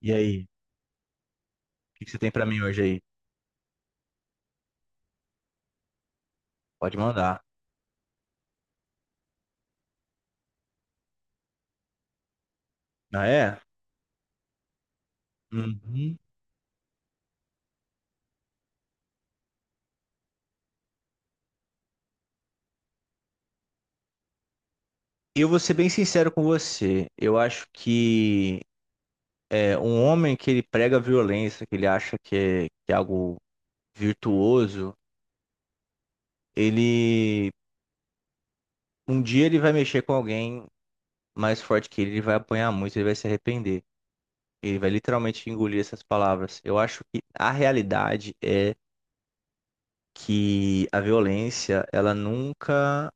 E aí, o que que você tem pra mim hoje aí? Pode mandar. Ah, é? Uhum. Eu vou ser bem sincero com você. Eu acho que um homem que ele prega violência, que ele acha que é algo virtuoso, ele um dia ele vai mexer com alguém mais forte que ele vai apanhar muito, ele vai se arrepender. Ele vai literalmente engolir essas palavras. Eu acho que a realidade é que a violência,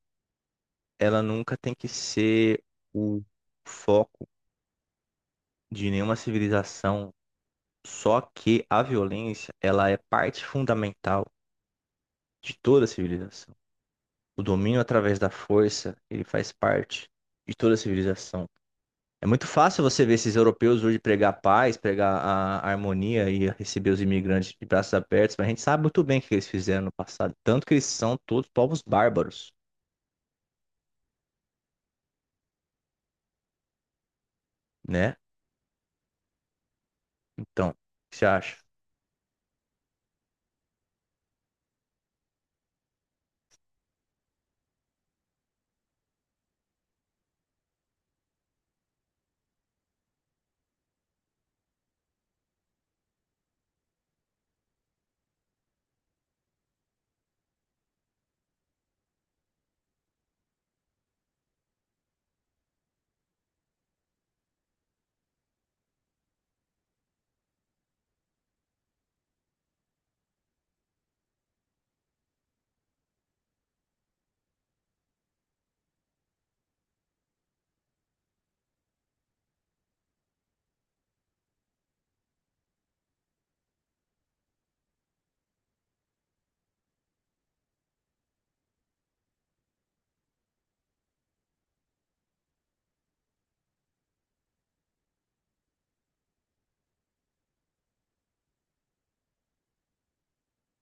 ela nunca tem que ser o foco de nenhuma civilização. Só que a violência, ela é parte fundamental de toda a civilização. O domínio através da força, ele faz parte de toda a civilização. É muito fácil você ver esses europeus hoje pregar paz, pregar a harmonia e receber os imigrantes de braços abertos, mas a gente sabe muito bem o que eles fizeram no passado. Tanto que eles são todos povos bárbaros, né? Então, o que você acha?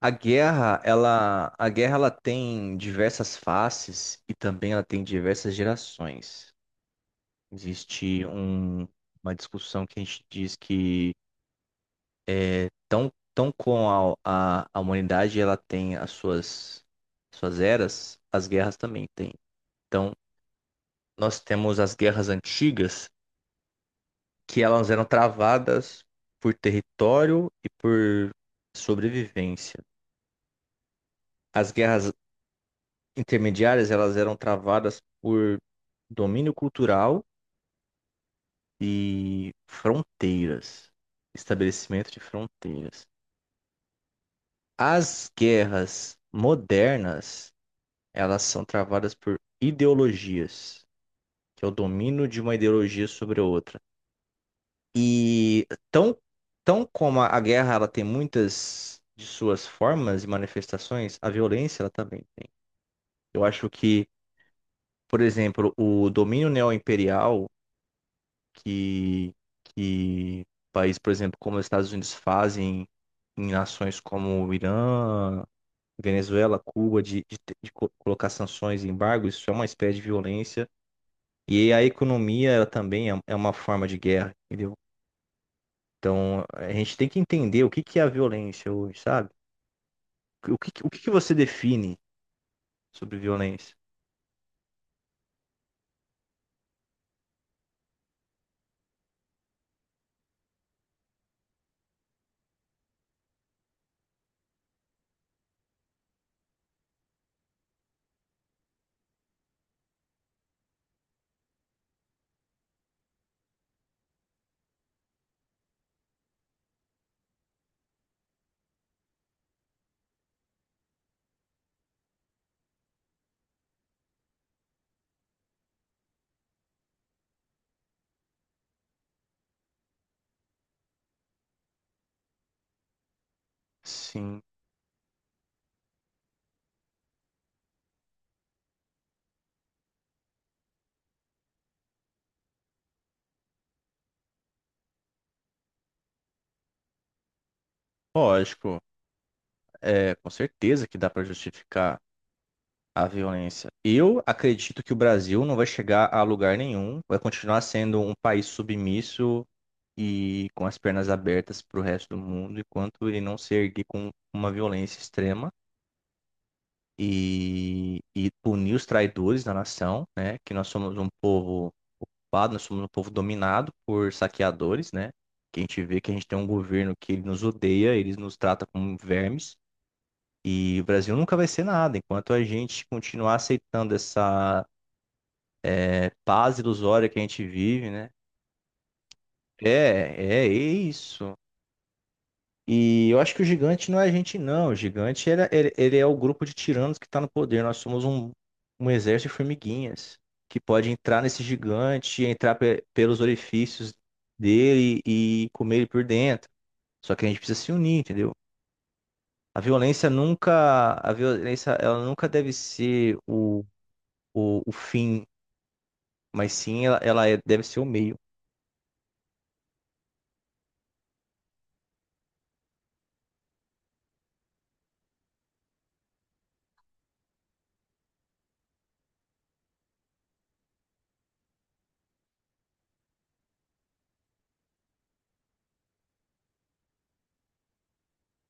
A guerra, ela tem diversas faces e também ela tem diversas gerações. Existe um- uma discussão que a gente diz que tão, tão com a, a humanidade ela tem as suas eras, as guerras também têm. Então, nós temos as guerras antigas, que elas eram travadas por território e por sobrevivência. As guerras intermediárias, elas eram travadas por domínio cultural e fronteiras, estabelecimento de fronteiras. As guerras modernas, elas são travadas por ideologias, que é o domínio de uma ideologia sobre a outra. E tão, tão como a guerra ela tem muitas de suas formas e manifestações, a violência ela também tem. Eu acho que, por exemplo, o domínio neoimperial que, que países, por exemplo, como os Estados Unidos fazem em nações como o Irã, Venezuela, Cuba, de colocar sanções e embargos, isso é uma espécie de violência. E a economia, ela também é uma forma de guerra, entendeu? Então, a gente tem que entender o que que é a violência hoje, sabe? O que que você define sobre violência? Sim, lógico. É, com certeza que dá para justificar a violência. Eu acredito que o Brasil não vai chegar a lugar nenhum, vai continuar sendo um país submisso e com as pernas abertas para o resto do mundo, enquanto ele não se erguer com uma violência extrema e, punir os traidores da nação, né? Que nós somos um povo ocupado, nós somos um povo dominado por saqueadores, né? Que a gente vê que a gente tem um governo que ele nos odeia, eles nos trata como vermes. E o Brasil nunca vai ser nada enquanto a gente continuar aceitando essa é paz ilusória que a gente vive, né? É, é isso. E eu acho que o gigante não é a gente, não. O gigante ele é o grupo de tiranos que está no poder. Nós somos um, um exército de formiguinhas que pode entrar nesse gigante, entrar pelos orifícios dele e comer ele por dentro. Só que a gente precisa se unir, entendeu? A violência, ela nunca deve ser o fim, mas sim ela deve ser o meio.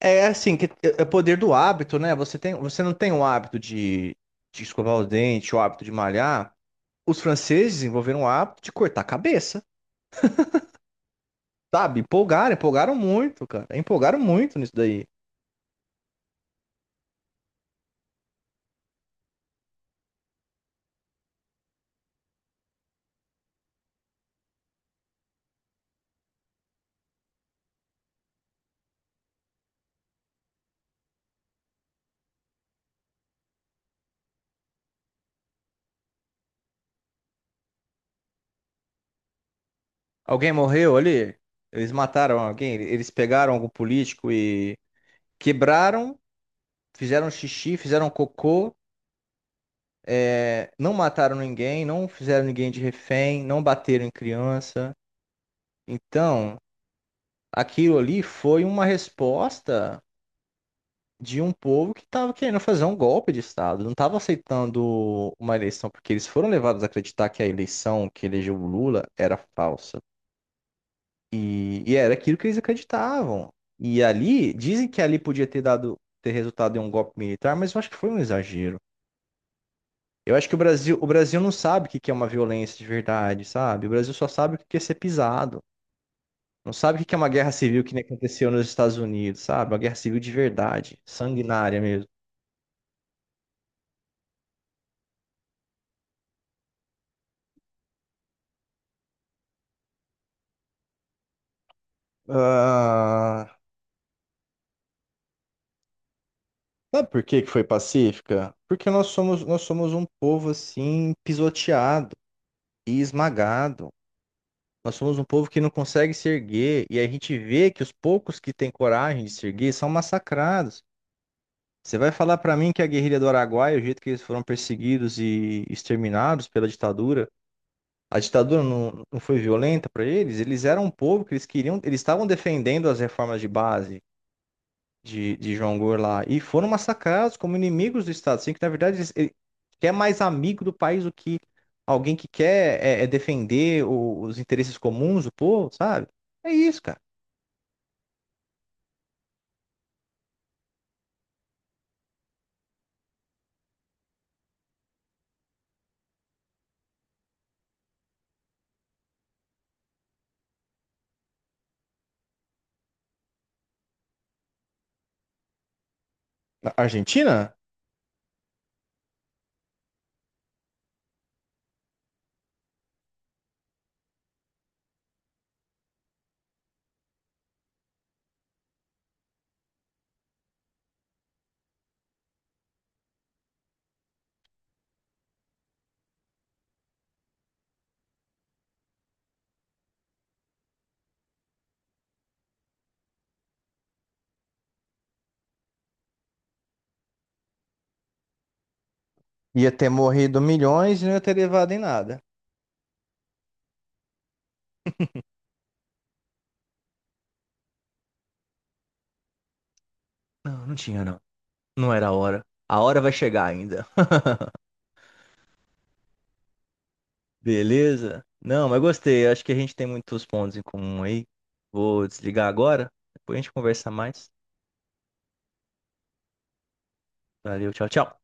É assim, que é poder do hábito, né? Você não tem o hábito de escovar os dentes, o hábito de malhar. Os franceses desenvolveram o hábito de cortar a cabeça, sabe? Empolgaram muito, cara. Empolgaram muito nisso daí. Alguém morreu ali? Eles mataram alguém? Eles pegaram algum político e quebraram, fizeram xixi, fizeram cocô. É, não mataram ninguém, não fizeram ninguém de refém, não bateram em criança. Então, aquilo ali foi uma resposta de um povo que estava querendo fazer um golpe de Estado, não estava aceitando uma eleição, porque eles foram levados a acreditar que a eleição que elegeu o Lula era falsa. E, era aquilo que eles acreditavam. E ali, dizem que ali podia ter dado, ter resultado em um golpe militar, mas eu acho que foi um exagero. Eu acho que o Brasil não sabe o que que é uma violência de verdade, sabe? O Brasil só sabe o que que é ser pisado. Não sabe o que que é uma guerra civil que nem aconteceu nos Estados Unidos, sabe? Uma guerra civil de verdade, sanguinária mesmo. Ah, sabe por que que foi pacífica? Porque nós somos um povo assim pisoteado e esmagado. Nós somos um povo que não consegue se erguer e a gente vê que os poucos que têm coragem de se erguer são massacrados. Você vai falar pra mim que a guerrilha do Araguaia, o jeito que eles foram perseguidos e exterminados pela ditadura, a ditadura não foi violenta pra eles? Eles eram um povo que eles queriam, eles estavam defendendo as reformas de base. De Jonglor lá. E foram massacrados como inimigos do Estado. Assim, que na verdade eles, ele quer mais amigo do país do que alguém que quer é defender os interesses comuns do povo, sabe? É isso, cara. A Argentina ia ter morrido milhões e não ia ter levado em nada. Não, não tinha, não. Não era a hora. A hora vai chegar ainda. Beleza? Não, mas gostei. Acho que a gente tem muitos pontos em comum aí. Vou desligar agora. Depois a gente conversa mais. Valeu, tchau, tchau.